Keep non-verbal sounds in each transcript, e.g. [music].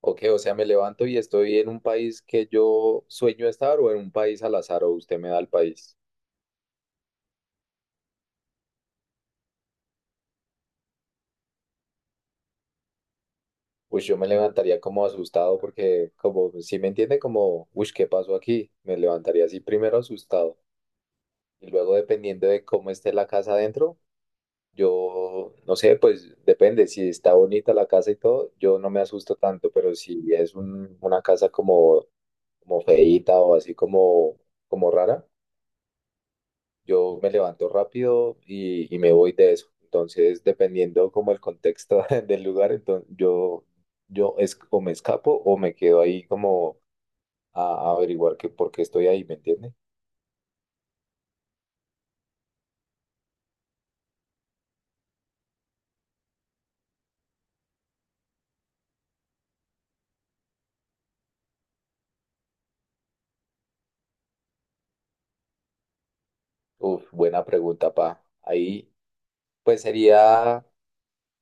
Ok, o sea, me levanto y estoy en un país que yo sueño estar o en un país al azar o usted me da el país. Pues yo me levantaría como asustado porque como si me entiende como, uy, ¿qué pasó aquí? Me levantaría así primero asustado y luego dependiendo de cómo esté la casa adentro, yo no sé, pues depende, si está bonita la casa y todo, yo no me asusto tanto, pero si es una casa como, como, feíta o así como rara. Yo me levanto rápido y me voy de eso. Entonces, dependiendo como el contexto [laughs] del lugar, entonces yo es, o me escapo o me quedo ahí como a, a averiguar que por qué estoy ahí, ¿me entiende? Uf, buena pregunta, pa. Ahí, pues sería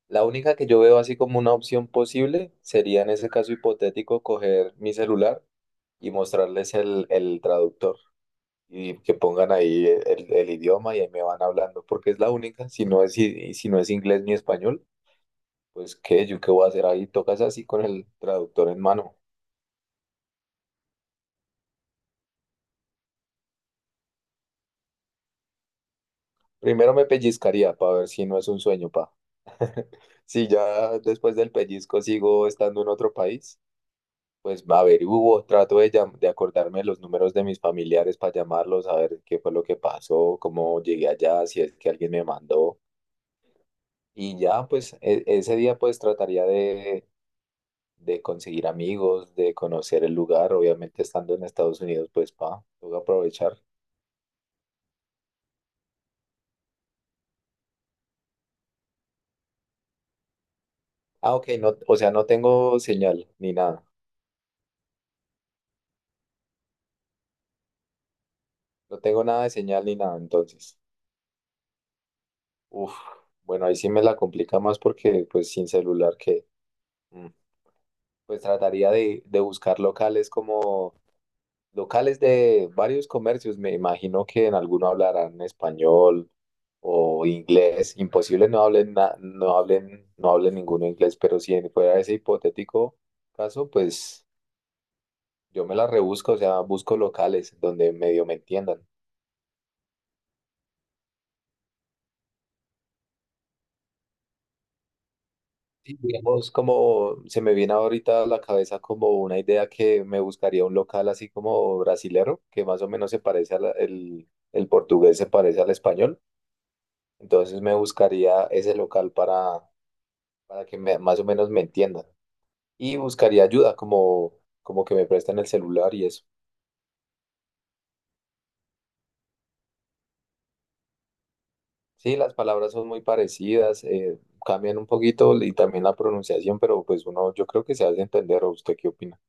la única que yo veo así como una opción posible, sería en ese caso hipotético coger mi celular y mostrarles el traductor. Y que pongan ahí el idioma y ahí me van hablando, porque es la única, si no es inglés ni español, pues qué, yo qué voy a hacer ahí, tocas así con el traductor en mano. Primero me pellizcaría para ver si no es un sueño, pa. [laughs] Si ya después del pellizco sigo estando en otro país, pues a ver, hubo trato de, de acordarme los números de mis familiares para llamarlos, a ver qué fue lo que pasó, cómo llegué allá, si es que alguien me mandó. Y ya, pues ese día pues trataría de conseguir amigos, de conocer el lugar, obviamente estando en Estados Unidos, pues pa, tengo que aprovechar. Ah, ok, no, o sea, no tengo señal ni nada, no tengo nada de señal ni nada, entonces, uf, bueno, ahí sí me la complica más porque pues sin celular que, mm, pues trataría de buscar locales como locales de varios comercios, me imagino que en alguno hablarán español o inglés. Imposible no hablen, na- no hablen, no hablen ninguno inglés, pero si fuera ese hipotético caso, pues yo me la rebusco, o sea, busco locales donde medio me entiendan. Sí, digamos, como se me viene ahorita a la cabeza como una idea que me buscaría un local así como brasilero, que más o menos se parece al el portugués, se parece al español. Entonces me buscaría ese local para que más o menos me entiendan. Y buscaría ayuda, como, que me presten el celular y eso. Sí, las palabras son muy parecidas, cambian un poquito y también la pronunciación, pero pues uno, yo creo que se hace entender, ¿o usted qué opina?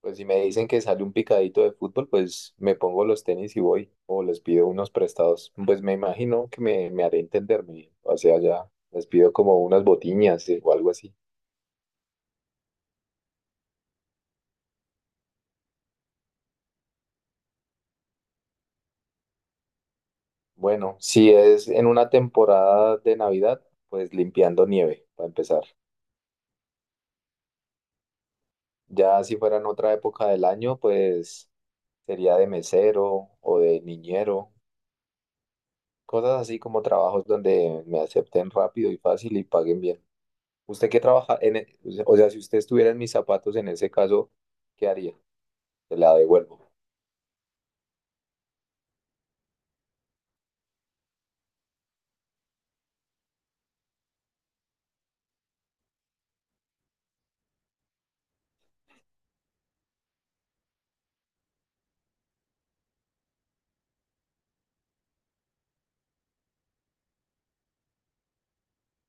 Pues si me dicen que sale un picadito de fútbol, pues me pongo los tenis y voy, o les pido unos prestados. Pues me imagino que me haré entenderme, o sea, ya les pido como unas botiñas o algo así. Bueno, si es en una temporada de Navidad, pues limpiando nieve, para empezar. Ya si fuera en otra época del año, pues sería de mesero o de niñero, cosas así como trabajos donde me acepten rápido y fácil y paguen bien. ¿Usted qué trabaja en, o sea, si usted estuviera en mis zapatos en ese caso, ¿qué haría? Se la devuelvo.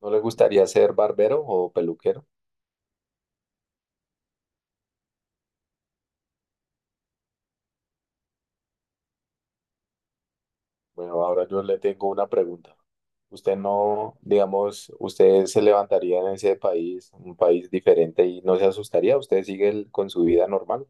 ¿No le gustaría ser barbero o peluquero? Bueno, ahora yo le tengo una pregunta. ¿Usted no, digamos, usted se levantaría en ese país, un país diferente y no se asustaría? ¿Usted sigue con su vida normal?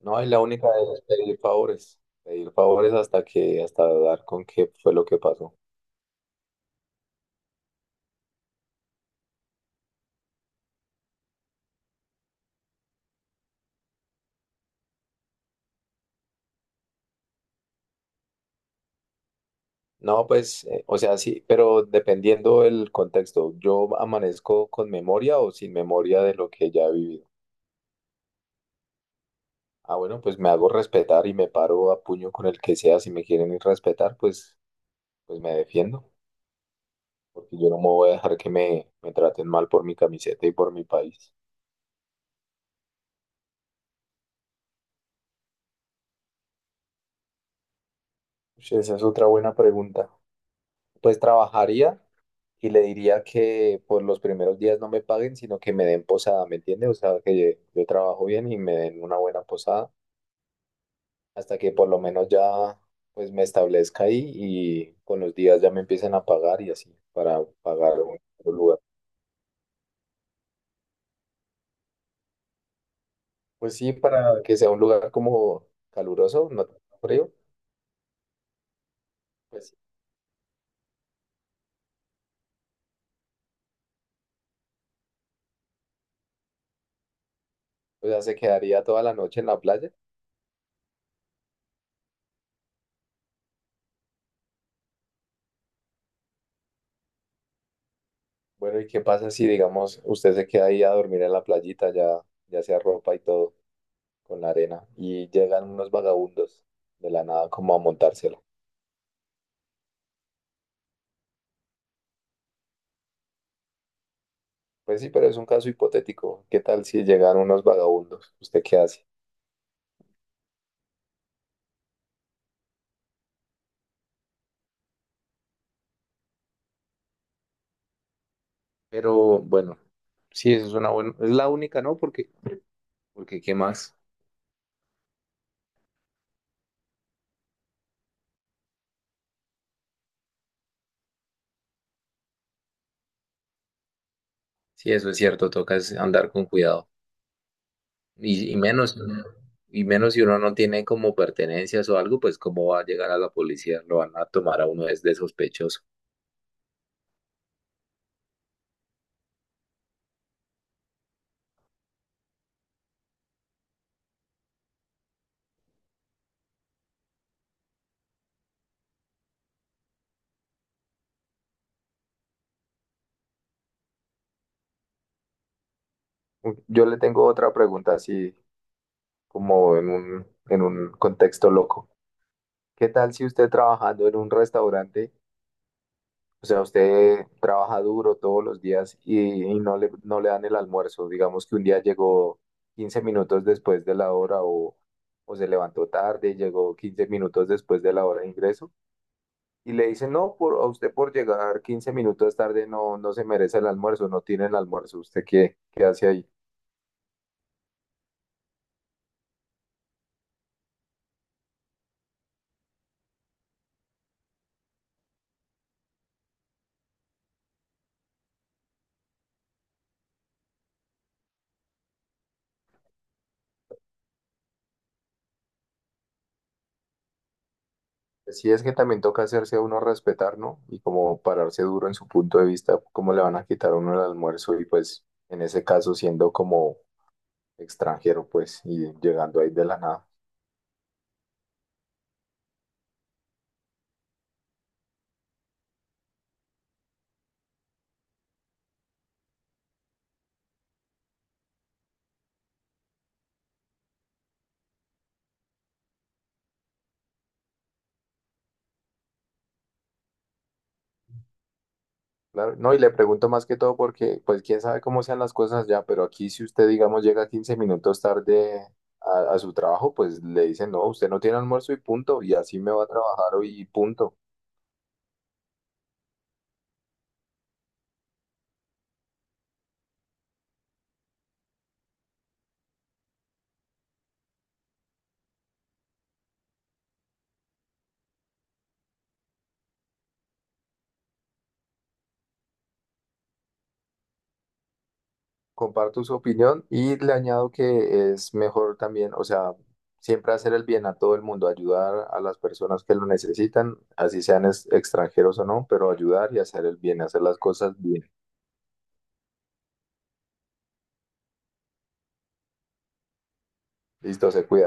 No, es la única de pedir favores hasta que, hasta dar con qué fue lo que pasó. No, pues, o sea, sí, pero dependiendo del contexto, ¿yo amanezco con memoria o sin memoria de lo que ya he vivido? Ah, bueno, pues me hago respetar y me paro a puño con el que sea. Si me quieren ir respetar, pues me defiendo, porque yo no me voy a dejar que me, traten mal por mi camiseta y por mi país. Ush, esa es otra buena pregunta. Pues trabajaría y le diría que por los primeros días no me paguen, sino que me den posada, ¿me entiende? O sea, que yo trabajo bien y me den una buena posada hasta que por lo menos ya pues me establezca ahí y con los días ya me empiecen a pagar y así para pagar un lugar. Pues sí, para que sea un lugar como caluroso, no tan frío, pues sí. O sea, se quedaría toda la noche en la playa. Bueno, ¿y qué pasa si, digamos, usted se queda ahí a dormir en la playita, ya, ya se arropa y todo con la arena y llegan unos vagabundos de la nada como a montársela? Pues sí, pero es un caso hipotético. ¿Qué tal si llegan unos vagabundos? ¿Usted qué hace? Pero bueno, sí, eso es una buena, es la única, ¿no? Porque ¿qué más? Sí, eso es cierto, toca es andar con cuidado. Y menos si uno no tiene como pertenencias o algo, pues cómo va a llegar a la policía, lo van a tomar a uno es de sospechoso. Yo le tengo otra pregunta así, como en en un contexto loco. ¿Qué tal si usted trabajando en un restaurante, o sea, usted trabaja duro todos los días y no le, dan el almuerzo? Digamos que un día llegó 15 minutos después de la hora o se levantó tarde, y llegó 15 minutos después de la hora de ingreso y le dicen, no, a usted por llegar 15 minutos tarde no se merece el almuerzo, no tiene el almuerzo, ¿usted qué hace ahí? Sí, es que también toca hacerse a uno respetar, ¿no? Y como pararse duro en su punto de vista, cómo le van a quitar a uno el almuerzo y pues en ese caso siendo como extranjero, pues, y llegando ahí de la nada. Claro, no, y le pregunto más que todo porque pues quién sabe cómo sean las cosas ya, pero aquí si usted, digamos, llega 15 minutos tarde a su trabajo, pues le dicen, no, usted no tiene almuerzo y punto, y así me va a trabajar hoy y punto. Comparto su opinión y le añado que es mejor también, o sea, siempre hacer el bien a todo el mundo, ayudar a las personas que lo necesitan, así sean extranjeros o no, pero ayudar y hacer el bien, hacer las cosas bien. Listo, se cuida.